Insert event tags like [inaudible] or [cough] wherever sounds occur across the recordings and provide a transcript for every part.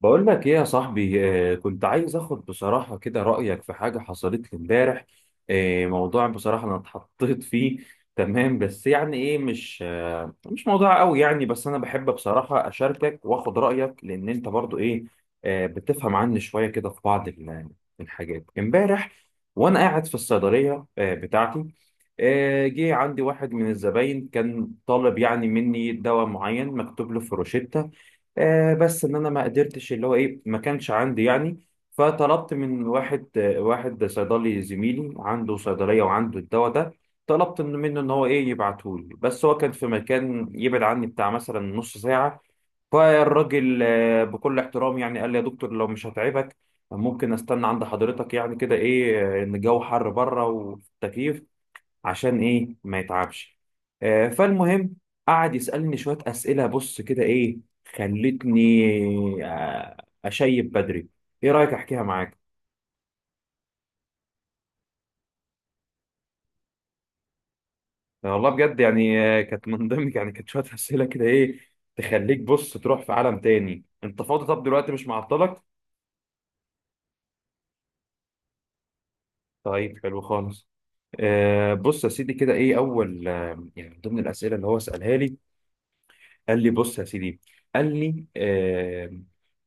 بقول لك ايه يا صاحبي؟ كنت عايز اخد بصراحة كده رأيك في حاجة حصلت لي امبارح. موضوع بصراحة انا اتحطيت فيه. تمام، بس يعني ايه، مش موضوع قوي يعني، بس انا بحب بصراحة اشاركك واخد رأيك لان انت برضو ايه، بتفهم عني شوية كده في بعض الحاجات. امبارح وانا قاعد في الصيدلية بتاعتي، جه عندي واحد من الزباين كان طالب يعني مني دواء معين مكتوب له في روشتة. بس ان انا ما قدرتش، اللي هو ايه، ما كانش عندي يعني. فطلبت من واحد، واحد صيدلي زميلي عنده صيدليه وعنده الدواء ده. طلبت منه ان هو ايه يبعته لي، بس هو كان في مكان يبعد عني بتاع مثلا نص ساعه. فالراجل بكل احترام يعني قال لي يا دكتور لو مش هتعبك ممكن استنى عند حضرتك يعني كده ايه، ان الجو حر بره والتكييف عشان ايه ما يتعبش. فالمهم، قعد يسألني شوية أسئلة، بص كده ايه، خلتني آه أشيب بدري. ايه رأيك احكيها معاك؟ والله بجد يعني كانت من ضمن [laughs] يعني كانت شوية أسئلة كده ايه تخليك بص تروح في عالم تاني. انت فاضي؟ طب دلوقتي مش معطلك؟ طيب حلو خالص. بص يا سيدي كده ايه، اول يعني من ضمن الأسئلة اللي هو سألها لي، قال لي بص يا سيدي، قال لي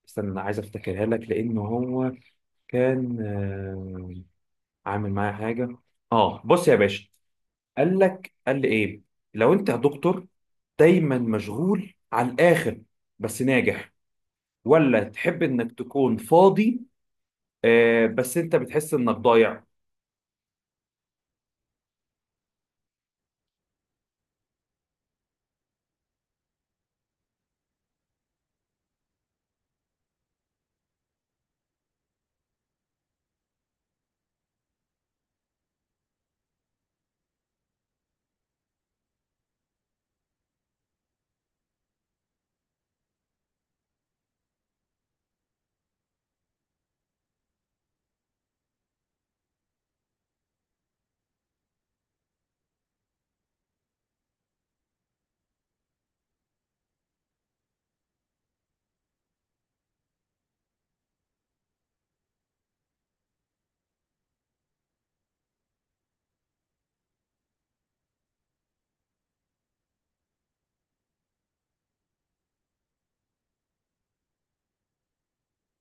استنى انا عايز افتكرها لك، لان هو كان عامل معايا حاجة. اه بص يا باشا، قال لي ايه: لو انت يا دكتور دايما مشغول على الاخر بس ناجح، ولا تحب انك تكون فاضي بس انت بتحس انك ضايع؟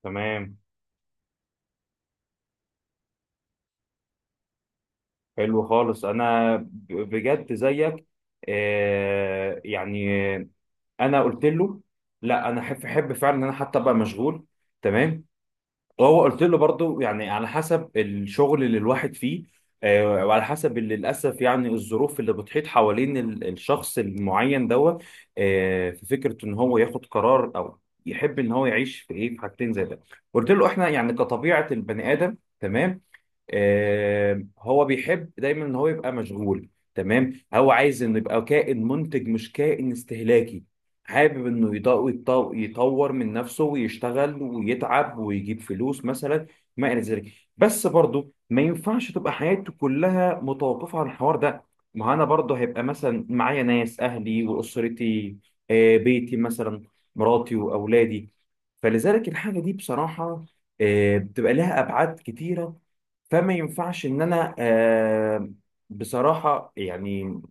تمام. حلو خالص، انا بجد زيك يعني. انا قلت له لا، انا احب احب فعلا ان انا حتى ابقى مشغول. تمام. هو قلت له برضو يعني على حسب الشغل اللي الواحد فيه، وعلى حسب اللي للاسف يعني الظروف اللي بتحيط حوالين الشخص المعين دوت، في فكره ان هو ياخد قرار، او يحب ان هو يعيش في ايه، في حاجتين زي ده. قلت له احنا يعني كطبيعه البني ادم، تمام، هو بيحب دايما ان هو يبقى مشغول. تمام، هو عايز انه يبقى كائن منتج مش كائن استهلاكي، حابب انه يطور من نفسه ويشتغل ويتعب ويجيب فلوس مثلا ما الى ذلك. بس برضه ما ينفعش تبقى حياته كلها متوقفه عن الحوار ده، ما هو انا برضه هيبقى مثلا معايا ناس اهلي واسرتي، بيتي مثلا، مراتي واولادي. فلذلك الحاجه دي بصراحه بتبقى لها ابعاد كتيره. فما ينفعش ان انا بصراحه يعني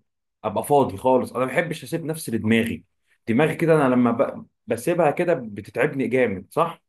ابقى فاضي خالص. انا ما بحبش اسيب نفسي لدماغي، دماغي كده انا لما بسيبها كده بتتعبني جامد، صح؟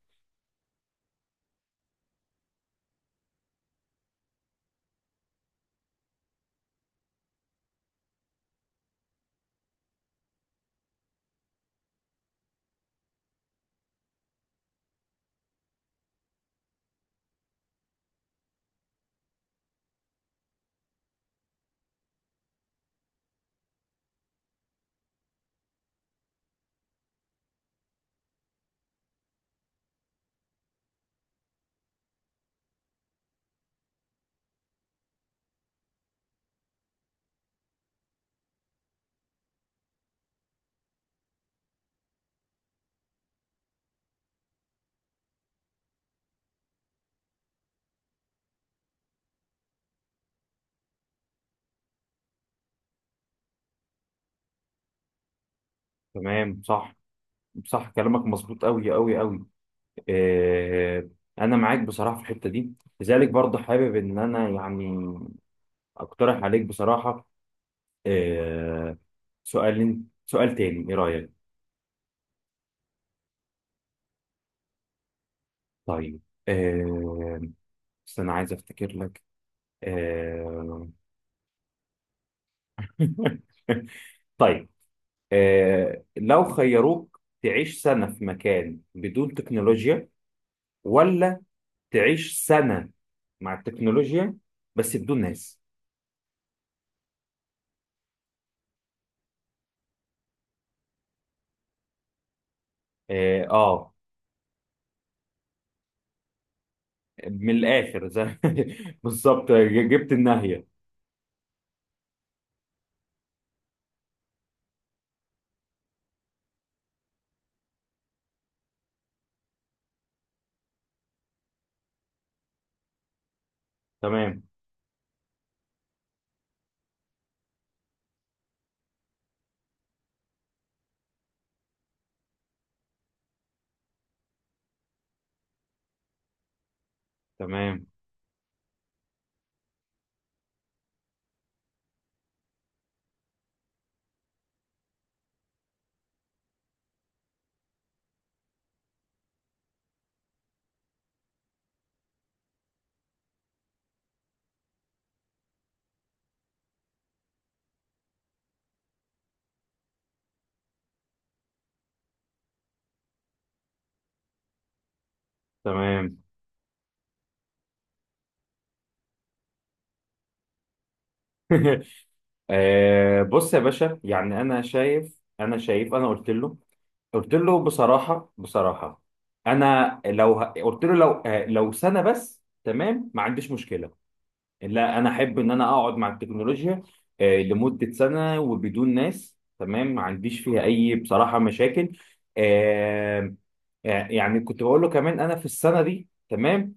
تمام. صح، صح، كلامك مظبوط قوي قوي قوي. آه انا معاك بصراحه في الحته دي. لذلك برضه حابب ان انا يعني اقترح عليك بصراحه آه سؤال سؤال تاني، ايه رايك؟ طيب. آه بس انا عايز افتكر لك. آه [laughs] طيب. لو خيروك تعيش سنة في مكان بدون تكنولوجيا، ولا تعيش سنة مع التكنولوجيا بس بدون ناس؟ اه, آه. من الآخر زي [laughs] بالظبط، جبت النهاية. تمام، تمام، تمام. [laughs] بص يا باشا، يعني أنا شايف، أنا قلت له، قلت له بصراحة بصراحة أنا لو قلت له لو لو سنة بس، تمام، ما عنديش مشكلة. لا انا احب ان انا اقعد مع التكنولوجيا لمده سنه وبدون ناس، تمام، ما عنديش فيها اي بصراحه مشاكل. آه، يعني كنت بقول له كمان انا في السنه دي، تمام،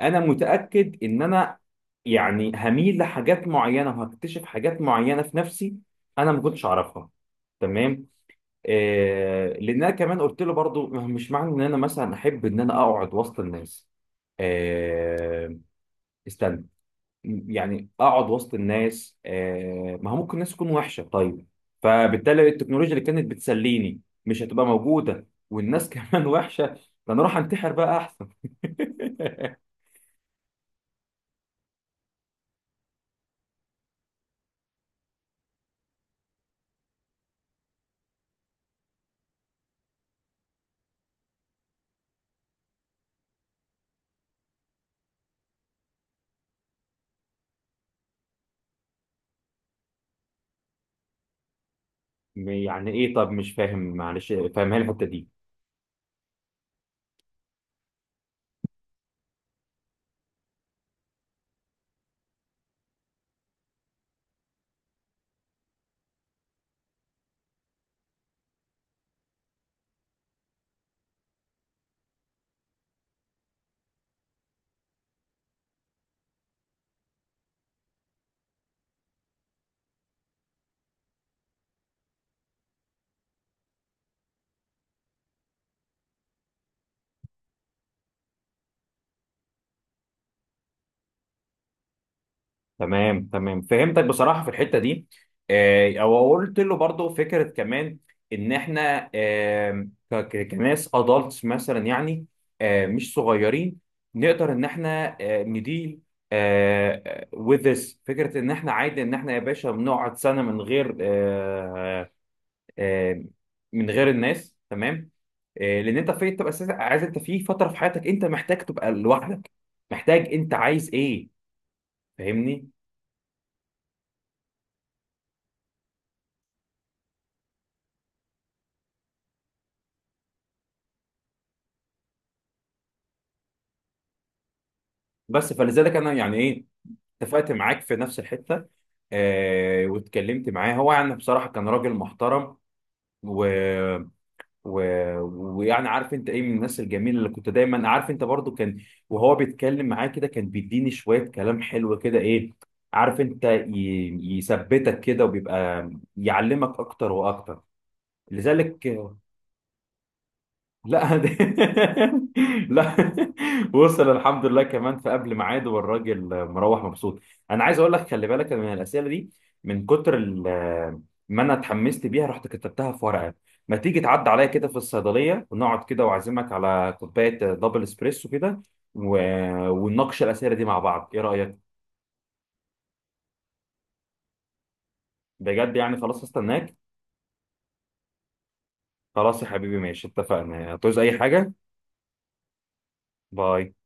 انا متاكد ان انا يعني هميل لحاجات معينه وهكتشف حاجات معينه في نفسي انا ما كنتش اعرفها. تمام. لان انا كمان قلت له برضو مش معنى ان انا مثلا احب ان انا اقعد وسط الناس، آه، استنى، يعني اقعد وسط الناس ما هو ممكن الناس تكون وحشه، طيب، فبالتالي التكنولوجيا اللي كانت بتسليني مش هتبقى موجوده، والناس [laughs] كمان وحشه، ده انا اروح انتحر بقى احسن. [laughs] يعني ايه؟ طب مش فاهم، معلش فاهمها لي الحته دي. تمام تمام، فهمتك بصراحة في الحتة دي. او قلت له برضو فكرة كمان، ان احنا كناس ادلتس مثلا يعني مش صغيرين، نقدر ان احنا نديل with this فكرة، ان احنا عادي ان احنا يا باشا بنقعد سنة من غير آه، من غير الناس. تمام لان انت في تبقى اساسا عايز، انت في فترة في حياتك انت محتاج تبقى لوحدك، محتاج، انت عايز ايه، فاهمني؟ بس فلذلك انا يعني ايه اتفقت معاك في نفس الحته. واتكلمت معاه هو، يعني بصراحه كان راجل محترم، و... و... ويعني عارف انت ايه، من الناس الجميله اللي كنت دايما عارف انت برضو كان، وهو بيتكلم معاه كده كان بيديني شويه كلام حلو كده ايه، عارف انت يثبتك كده وبيبقى يعلمك اكتر واكتر. لذلك، لا [laughs] لا وصل الحمد لله كمان في قبل ميعاده، والراجل مروح مبسوط. انا عايز اقول لك خلي بالك من الاسئله دي، من كتر ما انا اتحمست بيها رحت كتبتها في ورقه. ما تيجي تعدي عليا كده في الصيدليه ونقعد كده، واعزمك على كوبايه دبل اسبريسو كده و... ونناقش الاسئله دي مع بعض، ايه رايك؟ بجد يعني خلاص استناك. خلاص يا حبيبي ماشي اتفقنا، هتعوز اي حاجه. باي.